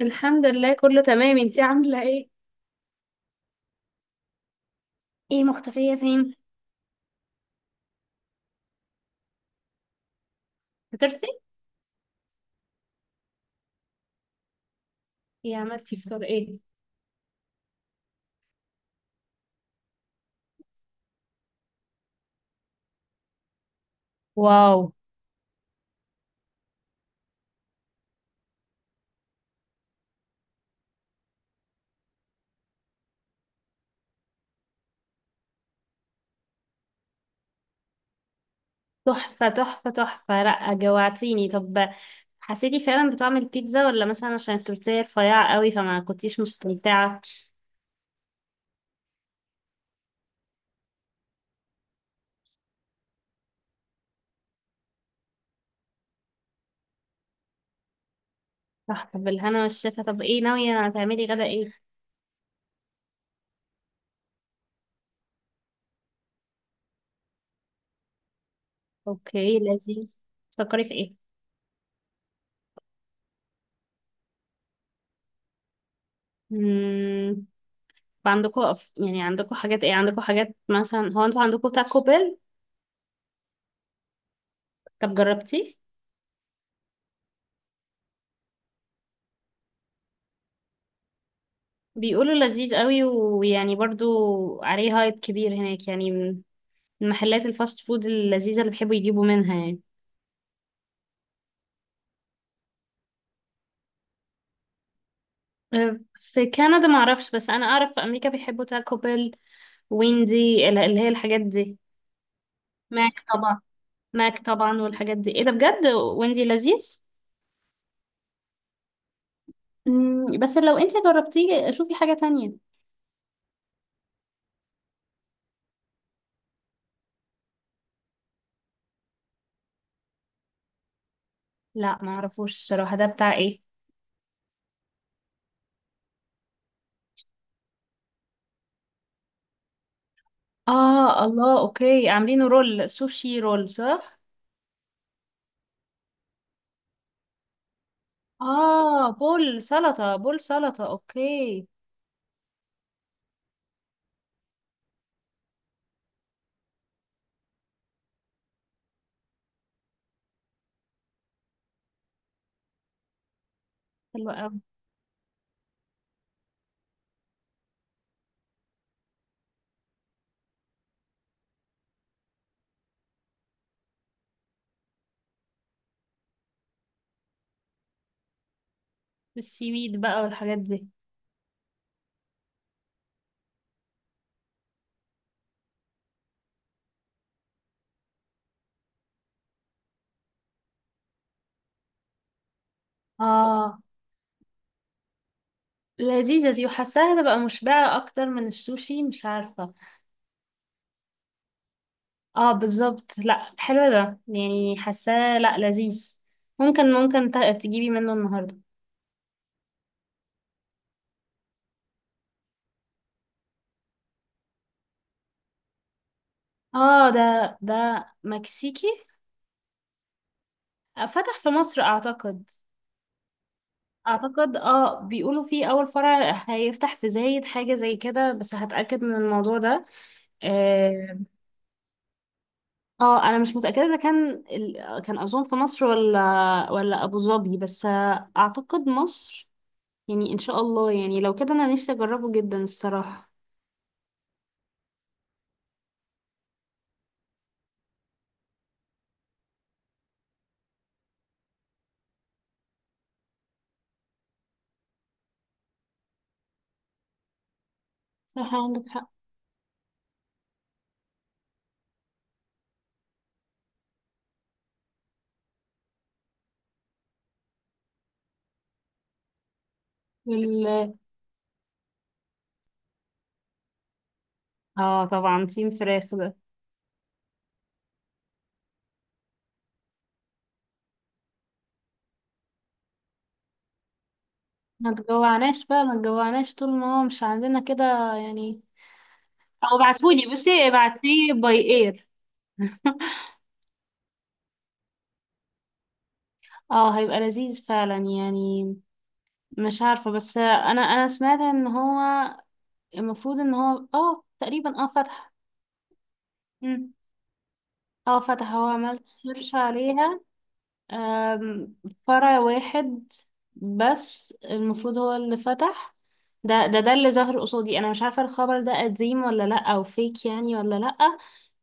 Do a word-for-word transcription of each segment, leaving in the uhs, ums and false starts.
الحمد لله كله تمام، انتي عاملة ايه؟ ايه مختفية فين؟ فطرتي؟ ايه عملتي فطار ايه؟ واو. تحفة تحفة تحفة، لأ جوعتيني. طب حسيتي فعلا بطعم البيتزا ولا مثلا عشان التورتيه رفيعة قوي فما كنتيش مستمتعة؟ تحفة، بالهنا والشفا. طب ايه ناوية، هتعملي غدا ايه؟ اوكي، لذيذ. تفكري في ايه؟ مم. عندكم أف... يعني عندكم حاجات ايه، عندكم حاجات مثلا، هو انتوا عندكم تاكو بيل؟ طب جربتيه؟ بيقولوا لذيذ قوي، ويعني برضو عليه هايب كبير هناك، يعني من محلات الفاست فود اللذيذة اللي بيحبوا يجيبوا منها يعني. أه، في كندا ما اعرفش، بس انا اعرف في امريكا بيحبوا تاكو بيل، ويندي ال- اللي هي الحاجات دي. ماك طبعا. ماك طبعا والحاجات دي. ايه ده بجد، ويندي لذيذ. مم، بس لو انت جربتيه شوفي حاجة تانية. لا ما اعرفوش الصراحة، ده بتاع ايه؟ اه، الله، اوكي، عاملينه رول، سوشي رول، صح. اه، بول سلطة، بول سلطة، اوكي. حلوة أوي. والسيويد بقى والحاجات دي. اه لذيذة دي، وحاساها تبقى مشبعة أكتر من السوشي، مش عارفة. اه بالظبط، لأ حلو ده، يعني حاساه لأ لذيذ. ممكن ممكن ت- تجيبي منه النهاردة. اه ده ده مكسيكي. فتح في مصر أعتقد. أعتقد اه، بيقولوا فيه أول فرع هيفتح في زايد حاجة زي كده، بس هتأكد من الموضوع ده. آه، اه انا مش متاكده اذا كان ال... كان اظن في مصر ولا ولا ابو ظبي، بس اعتقد مصر. يعني ان شاء الله، يعني لو كده انا نفسي اجربه جدا الصراحه. صح، عندك حق. وال. اه طبعا، تيم فراخ ده. ما تجوعناش بقى، ما تجوعناش طول ما هو مش عندنا كده يعني. او ابعتهولي، بصي ابعتيه باي اير. اه هيبقى لذيذ فعلا يعني. مش عارفة بس انا انا سمعت ان هو المفروض ان هو اه تقريبا اه فتح، اه فتح، هو عملت سيرش عليها. آم، فرع واحد، بس المفروض هو اللي فتح. ده ده ده اللي ظهر قصادي، انا مش عارفة الخبر ده قديم ولا لا، او فيك يعني ولا لا.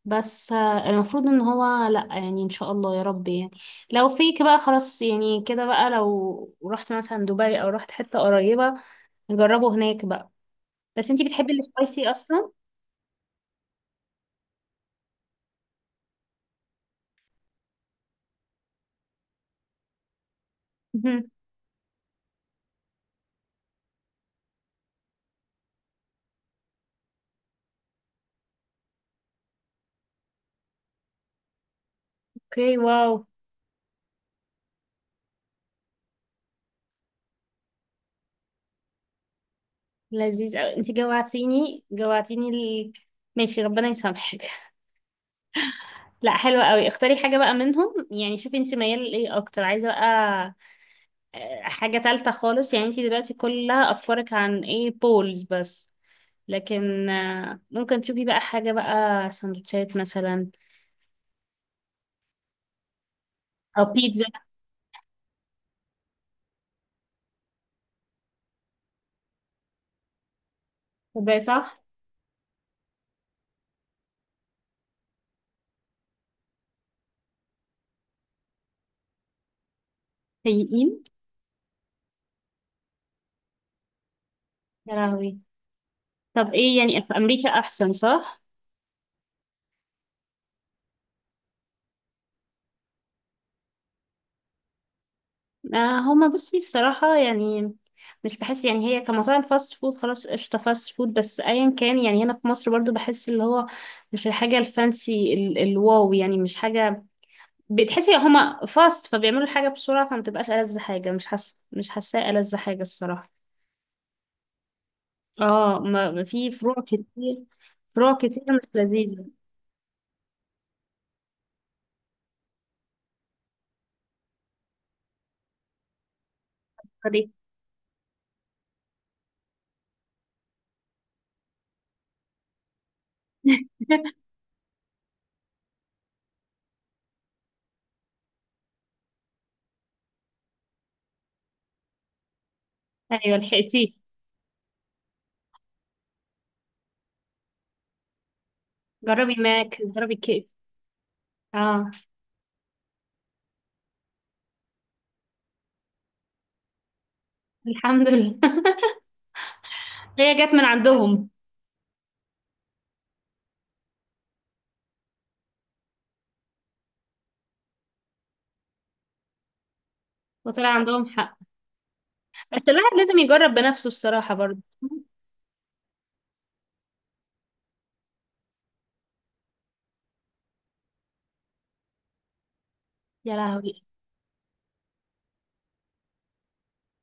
بس آه، المفروض ان هو، لا يعني ان شاء الله يا رب يعني. لو فيك بقى خلاص يعني، كده بقى لو رحت مثلا دبي او رحت حتة قريبة نجربه هناك بقى. بس انتي بتحبي السبايسي اصلا؟ مهم. اوكي، واو. لذيذ قوي، انت جوعتيني جوعتيني ال... ماشي، ربنا يسامحك. لا حلوة قوي، اختاري حاجة بقى منهم يعني، شوفي انت ميال لايه اكتر، عايزة بقى آه، حاجة تالتة خالص يعني. انت دلوقتي كل افكارك عن ايه، بولز بس، لكن آه، ممكن تشوفي بقى حاجة بقى، سندوتشات مثلا، او بيتزا. طب إيه، صح؟ سيئين. يا لهوي. طب ايه يعني، في امريكا احسن، صح؟ آه، هما بصي الصراحة يعني، مش بحس يعني هي كمطاعم فاست فود، خلاص قشطة فاست فود بس، أيا كان يعني، هنا في مصر برضو بحس اللي هو مش الحاجة الفانسي ال- الواو، يعني مش حاجة بتحسي هما فاست، فبيعملوا الحاجة بسرعة، فما تبقاش ألذ حاجة، مش حاسة مش حاساه ألذ حاجة الصراحة. اه ما ما في فروع كتير، فروع كتير مش لذيذة. سوري. أيوة لحقتيه. جربي ماك، جربي كيك. اه. الحمد لله. هي جت من عندهم. وطلع عندهم حق، بس الواحد لازم يجرب بنفسه الصراحة برضه. يا لهوي.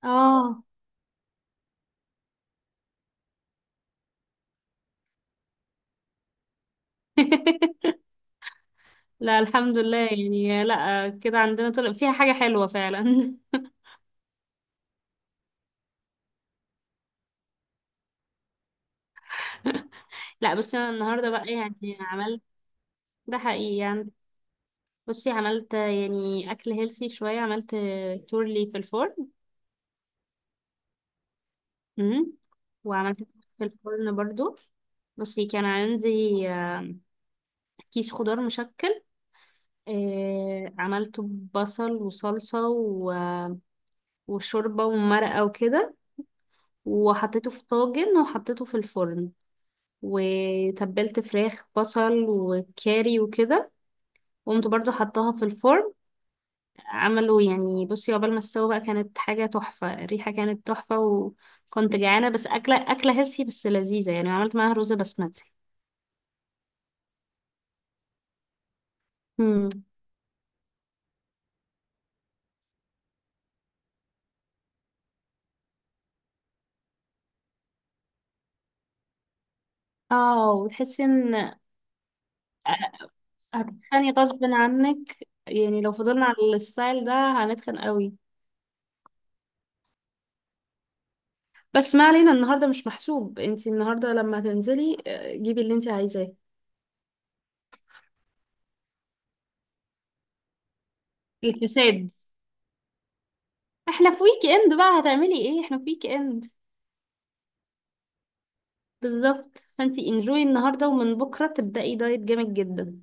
اه. لا الحمد لله يعني، لا كده عندنا طلع فيها حاجة حلوة فعلا. لا بس انا النهارده بقى يعني عملت. ده حقيقي يعني. بصي عملت يعني اكل هيلسي شوية، عملت تورلي في الفرن. امم وعملت في الفرن برضو. بصي كان عندي آه، كيس خضار مشكل. آه، عملته ببصل وصلصة و- آه، وشوربة ومرقة وكده، وحطيته في طاجن وحطيته في الفرن. وتبلت فراخ بصل وكاري وكده، وقمت برضو حطاها في الفرن. عملوا يعني، بصي عقبال ما استوى بقى كانت حاجة تحفة، الريحة كانت تحفة وكنت جعانة، بس أكلة أكلة هيلثي بس لذيذة يعني، عملت معاها رز بسمتي. مم. اه وتحسي ان أ- هتتخني غصب عنك يعني، لو فضلنا على الستايل ده هنتخن قوي. بس ما علينا، النهارده مش محسوب، انتي النهارده لما هتنزلي آه، جيبي اللي انتي عايزاه. الفساد. احنا في ويك اند بقى، هتعملي ايه، احنا في ويك اند. بالظبط، فانتي انجوي النهارده ومن بكره تبدأي دايت جامد جدا.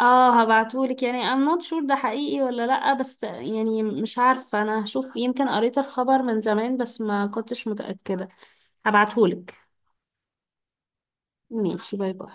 اه هبعتهولك يعني I'm not sure، ده حقيقي ولا لأ، بس يعني مش عارفة، انا هشوف، يمكن قريت الخبر من زمان بس ما كنتش متأكدة. هبعتهولك. ماشي، باي باي.